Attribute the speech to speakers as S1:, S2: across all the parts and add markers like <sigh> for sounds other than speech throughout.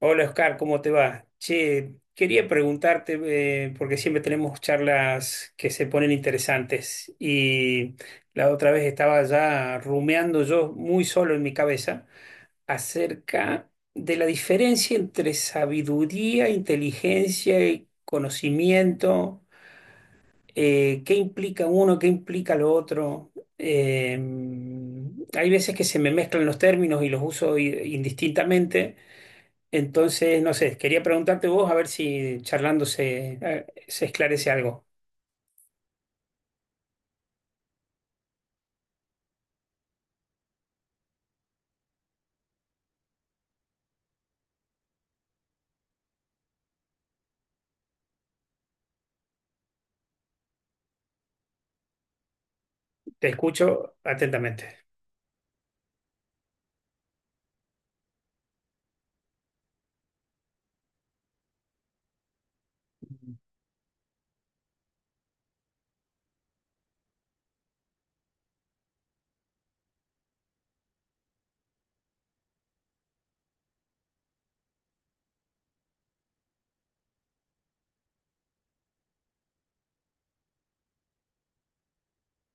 S1: Hola Oscar, ¿cómo te va? Che, quería preguntarte, porque siempre tenemos charlas que se ponen interesantes y la otra vez estaba ya rumeando yo muy solo en mi cabeza acerca de la diferencia entre sabiduría, inteligencia y conocimiento. Eh, qué implica uno, qué implica lo otro. Eh, hay veces que se me mezclan los términos y los uso indistintamente. Entonces, no sé, quería preguntarte vos a ver si charlando se, se esclarece algo. Te escucho atentamente.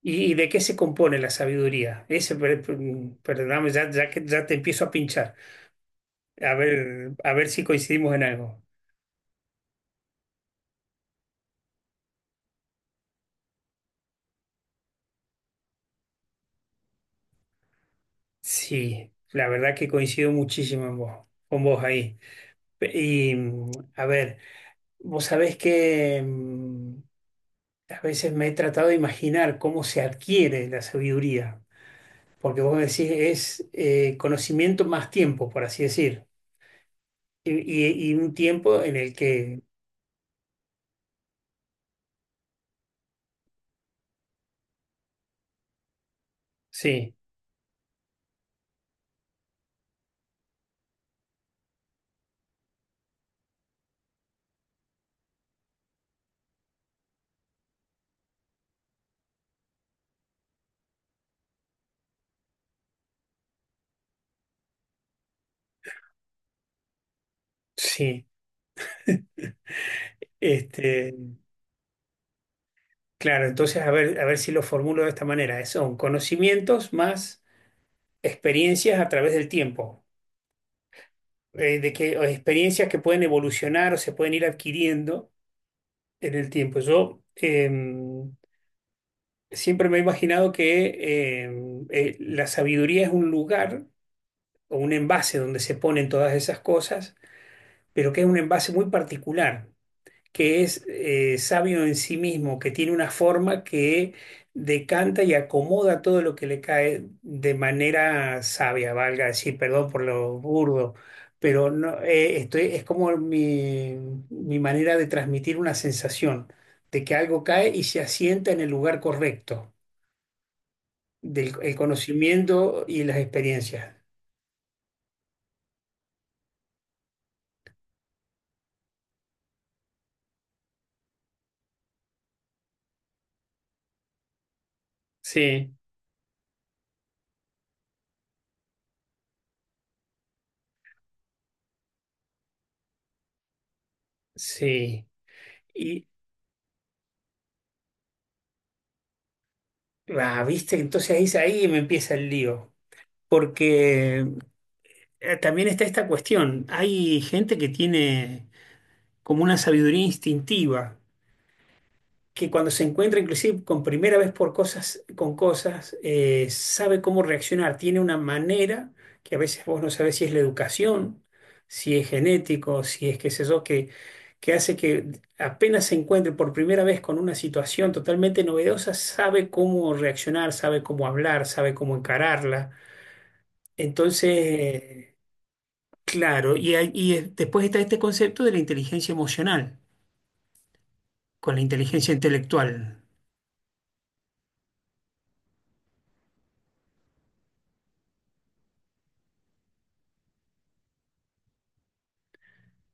S1: Y de qué se compone la sabiduría? Ese, perdóname, ya, ya que ya te empiezo a pinchar. A ver si coincidimos en algo. Sí, la verdad que coincido muchísimo en vos, con vos ahí. Pe- Y mm, a ver, vos sabés que, a veces me he tratado de imaginar cómo se adquiere la sabiduría. Porque vos decís, es conocimiento más tiempo, por así decir. Y un tiempo en el que, sí, sí. Este, claro, entonces a ver si lo formulo de esta manera. Son conocimientos más experiencias a través del tiempo. De que, o experiencias que pueden evolucionar o se pueden ir adquiriendo en el tiempo. Siempre me he imaginado que la sabiduría es un lugar o un envase donde se ponen todas esas cosas, pero que es un envase muy particular, que es sabio en sí mismo, que tiene una forma que decanta y acomoda todo lo que le cae de manera sabia, valga decir, perdón por lo burdo, pero no, es como mi manera de transmitir una sensación de que algo cae y se asienta en el lugar correcto, del el conocimiento y las experiencias. Sí, sí. Y, ah, viste, entonces ahí me empieza el lío. Porque, también está esta cuestión. Hay gente que tiene como una sabiduría instintiva, que cuando se encuentra inclusive con primera vez por con cosas, sabe cómo reaccionar, tiene una manera que a veces vos no sabés si es la educación, si es genético, si es qué sé yo, que hace que apenas se encuentre por primera vez con una situación totalmente novedosa, sabe cómo reaccionar, sabe cómo hablar, sabe cómo encararla. Entonces, claro, y, después está este concepto de la inteligencia emocional con la inteligencia intelectual.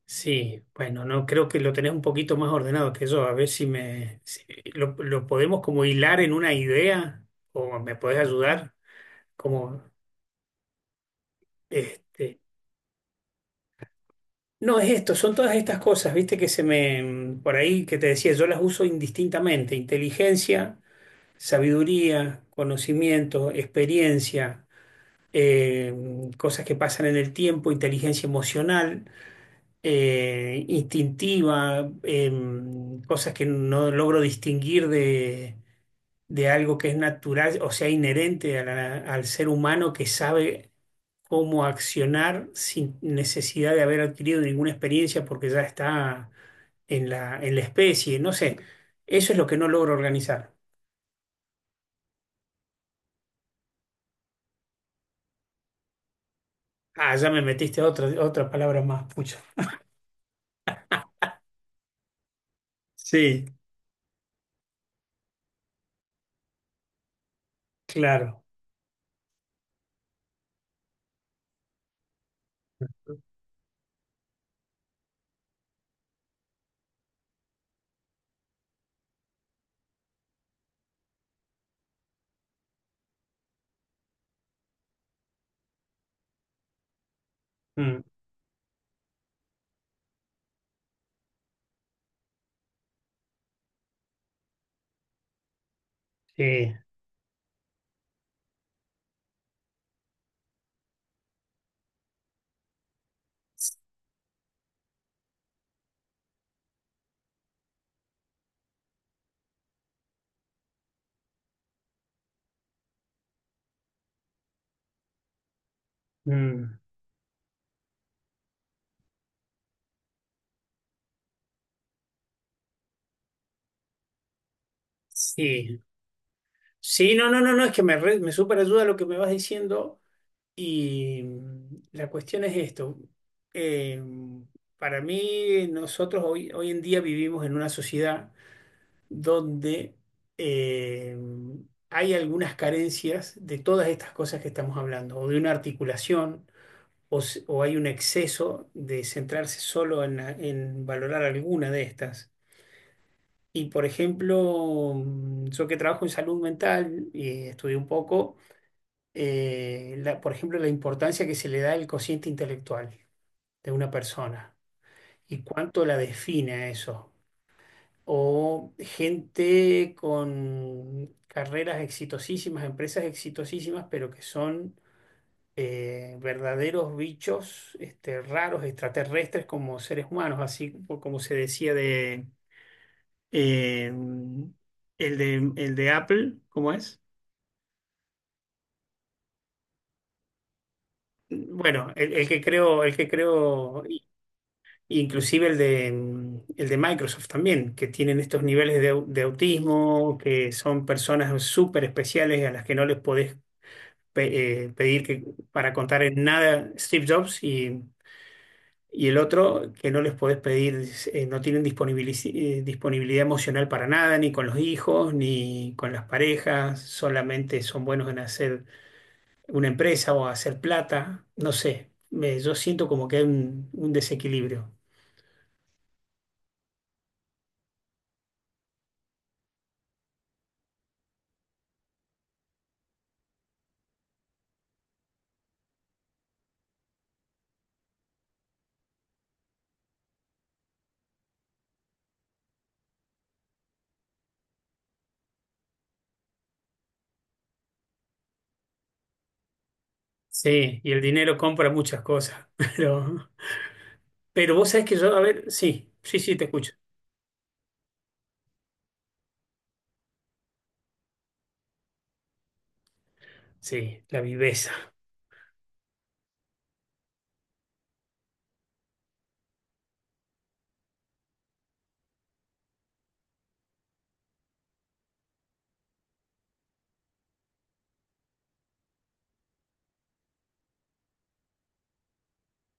S1: Sí, bueno, no creo que lo tenés un poquito más ordenado que yo. A ver si me si lo podemos como hilar en una idea o me podés ayudar como este. No es esto, son todas estas cosas, viste que se me por ahí que te decía, yo las uso indistintamente, inteligencia, sabiduría, conocimiento, experiencia. eh, Cosas que pasan en el tiempo, inteligencia emocional, instintiva, cosas que no logro distinguir de algo que es natural, o sea, inherente a al ser humano que sabe cómo accionar sin necesidad de haber adquirido ninguna experiencia porque ya está en en la especie, no sé, eso es lo que no logro organizar. Ah, ya me metiste otra, otra palabra más, pucha. Sí, claro. Mm, sí. Mm, sí, sí, no, no, no, no, es que me súper ayuda lo que me vas diciendo y, la cuestión es esto. Eh, para mí, nosotros hoy, hoy en día vivimos en una sociedad donde, eh, hay algunas carencias de todas estas cosas que estamos hablando, o de una articulación, o hay un exceso de centrarse solo en valorar alguna de estas. Y por ejemplo, yo que trabajo en salud mental y estudié un poco, por ejemplo, la importancia que se le da al cociente intelectual de una persona y cuánto la define eso. O gente con carreras exitosísimas, empresas exitosísimas, pero que son verdaderos bichos este, raros, extraterrestres como seres humanos, así como se decía de Eh, el de, el de Apple, ¿cómo es? Bueno, el que creo, inclusive el de, el de Microsoft también, que tienen estos niveles de, de autismo, que son personas súper especiales a las que no les podés pedir que, para contar en nada Steve Jobs y el otro que no les podés pedir, no tienen disponibilidad emocional para nada, ni con los hijos, ni con las parejas, solamente son buenos en hacer una empresa o hacer plata, no sé, yo siento como que hay un desequilibrio. Sí, y el dinero compra muchas cosas, <laughs> pero vos sabés que yo, a ver, sí, sí, sí, te escucho. Sí, la viveza,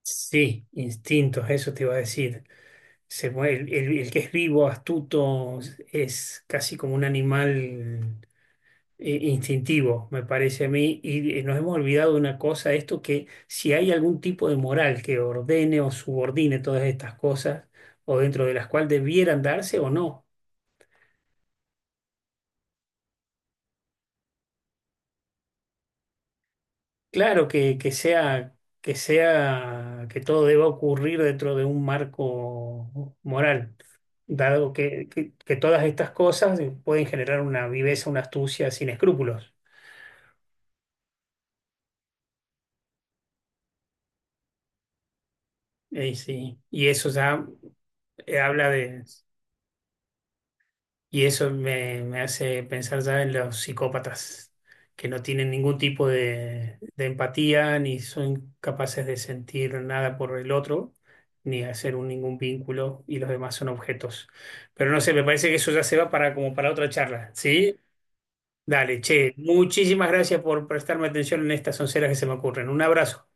S1: sí, instintos, eso te iba a decir. El, el que es vivo, astuto, es casi como un animal instintivo, me parece a mí, y nos hemos olvidado de una cosa, esto que si hay algún tipo de moral que ordene o subordine todas estas cosas, o dentro de las cuales debieran darse o no. Claro que sea, que sea, que todo deba ocurrir dentro de un marco moral, dado que, que todas estas cosas pueden generar una viveza, una astucia sin escrúpulos. Sí, y eso ya habla de, y eso me, me hace pensar ya en los psicópatas, que no tienen ningún tipo de empatía, ni son capaces de sentir nada por el otro, ni hacer ningún vínculo, y los demás son objetos. Pero no sé, me parece que eso ya se va para como para otra charla, ¿sí? Dale, che, muchísimas gracias por prestarme atención en estas onceras que se me ocurren. Un abrazo.